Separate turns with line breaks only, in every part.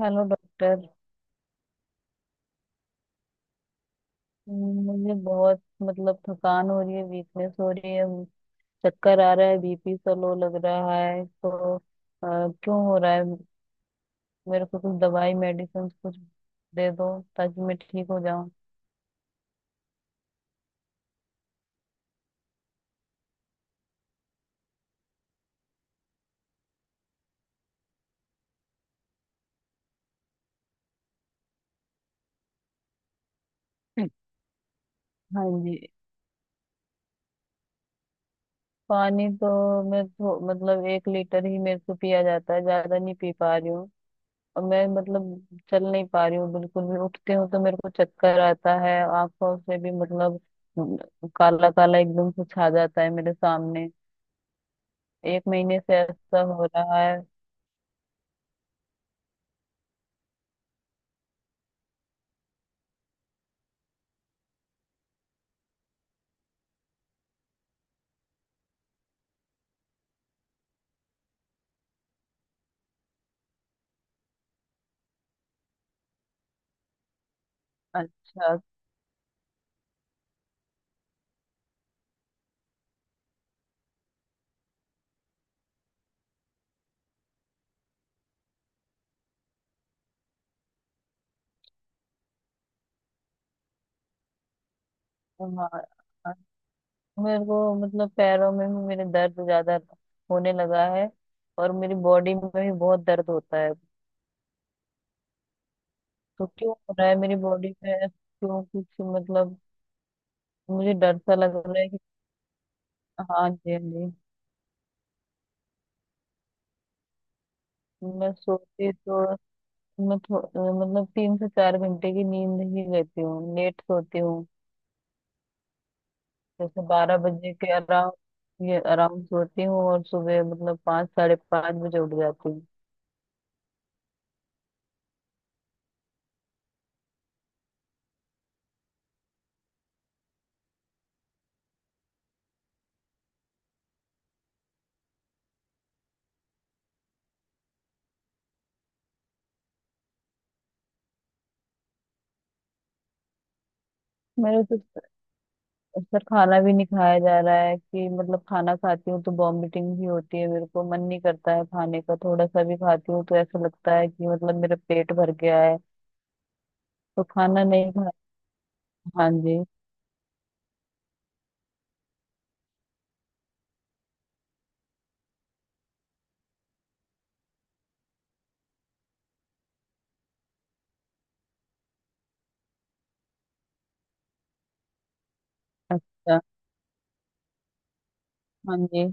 Hello doctor. मुझे बहुत मतलब थकान हो रही है, वीकनेस हो रही है, चक्कर आ रहा है, बीपी सा लो लग रहा है, तो क्यों हो रहा है। मेरे को कुछ दवाई मेडिसिन कुछ दे दो, ताकि मैं ठीक हो जाऊं। हाँ जी। पानी तो मैं मतलब 1 लीटर ही मेरे को पिया जाता है, ज्यादा नहीं पी पा रही हूँ। और मैं मतलब चल नहीं पा रही हूँ बिल्कुल भी, उठती हूँ तो मेरे को चक्कर आता है। आंखों से भी मतलब काला काला एकदम से छा जाता है मेरे सामने। एक महीने से ऐसा हो रहा है। अच्छा। तो हाँ, मेरे को मतलब पैरों में भी मेरे दर्द ज्यादा होने लगा है, और मेरी बॉडी में भी बहुत दर्द होता है। तो क्यों हो रहा है मेरी बॉडी में, क्यों कुछ मतलब। मुझे डर सा लग रहा है कि। हाँ जी, हाँ जी। मैं सोती तो मैं मतलब 3 से 4 घंटे की नींद ही लेती हूँ, लेट सोती हूँ। जैसे 12 बजे के अराउंड, ये अराउंड सोती हूँ और सुबह मतलब 5 साढ़े 5 बजे उठ जाती हूँ। मेरे तो सर खाना भी नहीं खाया जा रहा है, कि मतलब खाना खाती हूँ तो वॉमिटिंग भी होती है, मेरे को मन नहीं करता है खाने का, थोड़ा सा भी खाती हूँ तो ऐसा लगता है कि मतलब मेरा पेट भर गया है। तो खाना नहीं खा। हाँ जी। अच्छा। हाँ जी।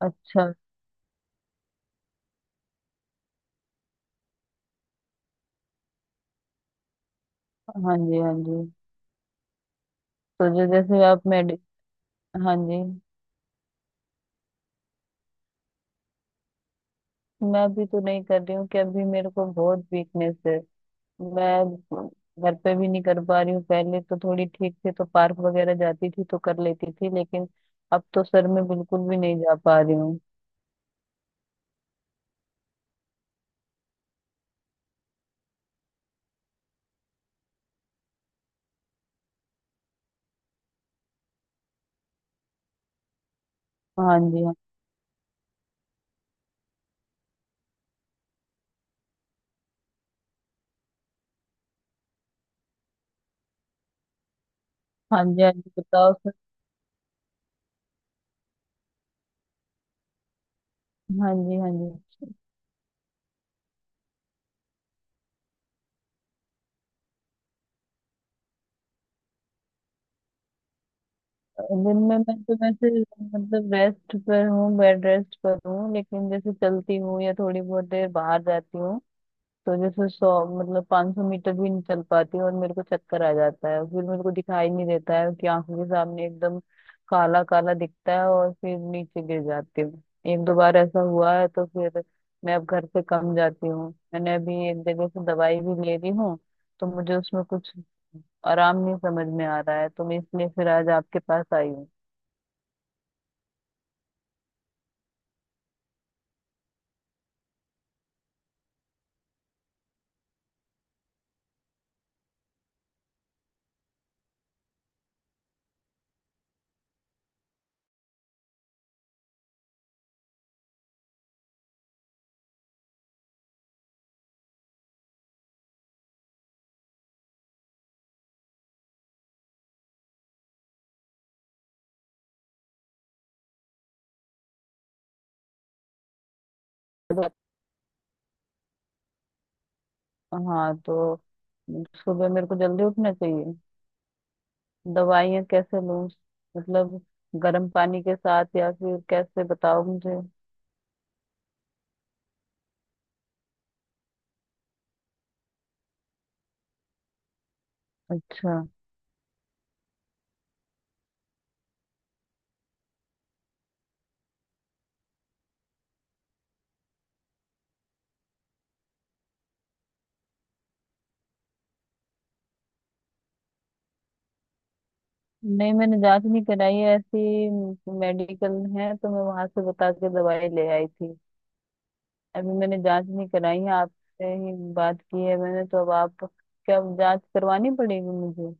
अच्छा। हाँ जी, हाँ जी। तो जो जैसे आप मेडि। हाँ जी। मैं भी तो नहीं कर रही हूँ कि अभी मेरे को बहुत वीकनेस है। मैं घर पे भी नहीं कर पा रही हूँ, पहले तो थोड़ी ठीक थी तो पार्क वगैरह जाती थी तो कर लेती थी, लेकिन अब तो सर मैं बिल्कुल भी नहीं जा पा रही हूँ। हाँ जी, हाँ। हाँ जी, हाँ जी बताओ सर। हाँ जी, हाँ जी। दिन में मैं तो वैसे मतलब रेस्ट पर हूँ, बेड रेस्ट पर हूँ, लेकिन जैसे चलती हूँ या थोड़ी बहुत देर बाहर जाती हूँ तो जैसे 100, मतलब 500 मीटर भी नहीं चल पाती, और मेरे को चक्कर आ जाता है, फिर मेरे को दिखाई नहीं देता है कि आंखों के सामने एकदम काला काला दिखता है, और फिर नीचे गिर जाती हूँ। एक दो बार ऐसा हुआ है तो फिर मैं अब घर से कम जाती हूँ। मैंने अभी एक जगह से दवाई भी ले रही हूँ, तो मुझे उसमें कुछ आराम नहीं समझ में आ रहा है, तो मैं इसलिए फिर आज आपके पास आई हूँ। हाँ। तो सुबह मेरे को जल्दी उठना चाहिए। दवाइयाँ कैसे लूँ, मतलब गर्म पानी के साथ या फिर कैसे, बताओ मुझे। अच्छा। नहीं, मैंने जांच नहीं कराई है ऐसी, मेडिकल है तो मैं वहां से बता के दवाई ले आई थी। अभी मैंने जांच नहीं कराई है, आपसे ही बात की है मैंने तो, अब आप क्या जांच करवानी पड़ेगी मुझे।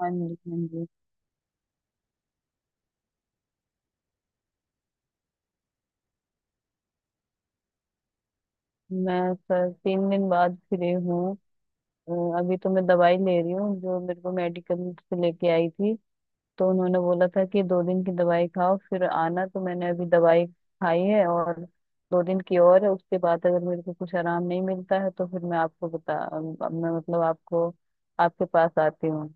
हाँ जी, हाँ जी। मैं सर 3 दिन बाद फ्री हूँ। अ, अभी तो मैं दवाई ले रही हूँ जो मेरे को मेडिकल से लेके आई थी। तो उन्होंने बोला था कि 2 दिन की दवाई खाओ फिर आना, तो मैंने अभी दवाई खाई है और 2 दिन की और है, उसके बाद अगर मेरे को कुछ आराम नहीं मिलता है तो फिर मैं आपको बता, मैं मतलब आपको आपके पास आती हूँ।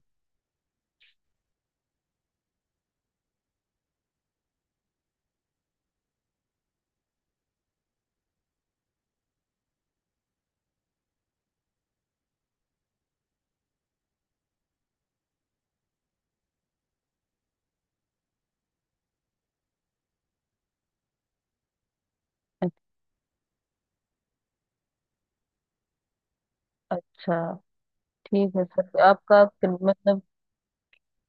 अच्छा। ठीक है सर, आपका मतलब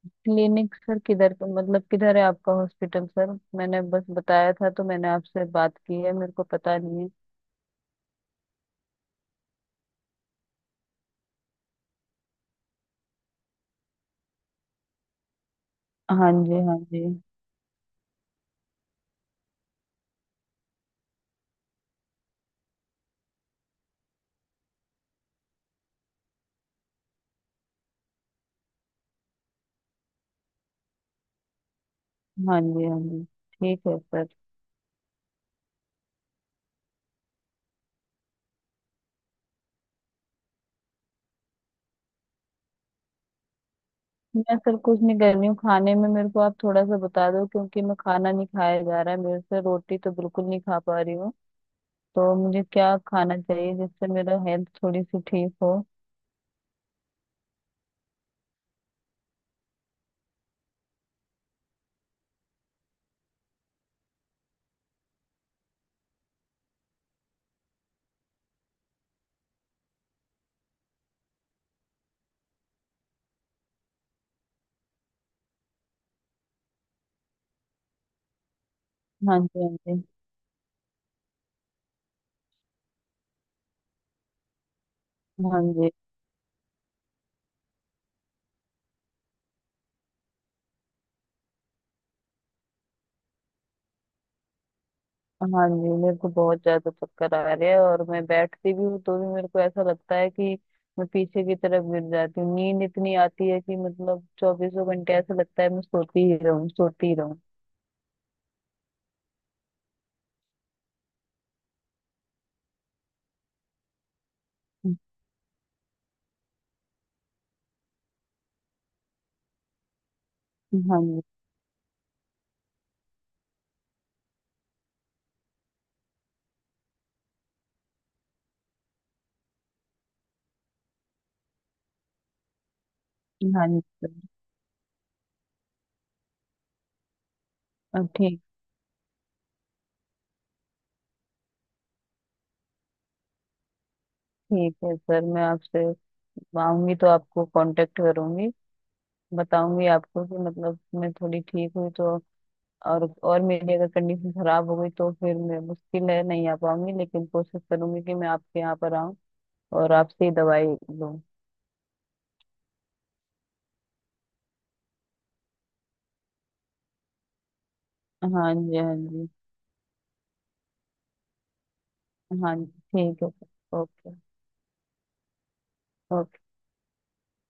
क्लिनिक सर किधर मतलब किधर है आपका हॉस्पिटल सर। मैंने बस बताया था तो, मैंने आपसे बात की है, मेरे को पता नहीं है। हाँ जी, हाँ जी। हाँ जी, हाँ जी ठीक है सर। मैं सर कुछ नहीं कर रही हूँ, खाने में मेरे को आप थोड़ा सा बता दो क्योंकि मैं खाना नहीं खाया जा रहा है मेरे से, रोटी तो बिल्कुल नहीं खा पा रही हूँ। तो मुझे क्या खाना चाहिए जिससे मेरा हेल्थ थोड़ी सी ठीक हो। हाँ जी, हाँ जी। हाँ जी, हाँ जी मेरे को बहुत ज्यादा चक्कर आ रहे हैं, और मैं बैठती भी हूँ तो भी मेरे को ऐसा लगता है कि मैं पीछे की तरफ गिर जाती हूँ। नींद इतनी आती है कि मतलब चौबीसों घंटे ऐसा लगता है मैं सोती ही रहूँ सोती ही रहूँ। हाँ जी। हाँ जी सर। अब ठीक। ठीक है सर, मैं आपसे, मैं आऊंगी तो आपको कांटेक्ट करूंगी, बताऊंगी आपको कि मतलब मैं थोड़ी ठीक हुई तो। और मेरी अगर कंडीशन खराब हो गई तो फिर मैं, मुश्किल है, नहीं आ पाऊंगी, लेकिन कोशिश करूंगी कि मैं आपके यहाँ पर आऊँ और आपसे ही दवाई लूँ। हाँ जी, हाँ जी। हाँ जी। ठीक है। ओके। ओके।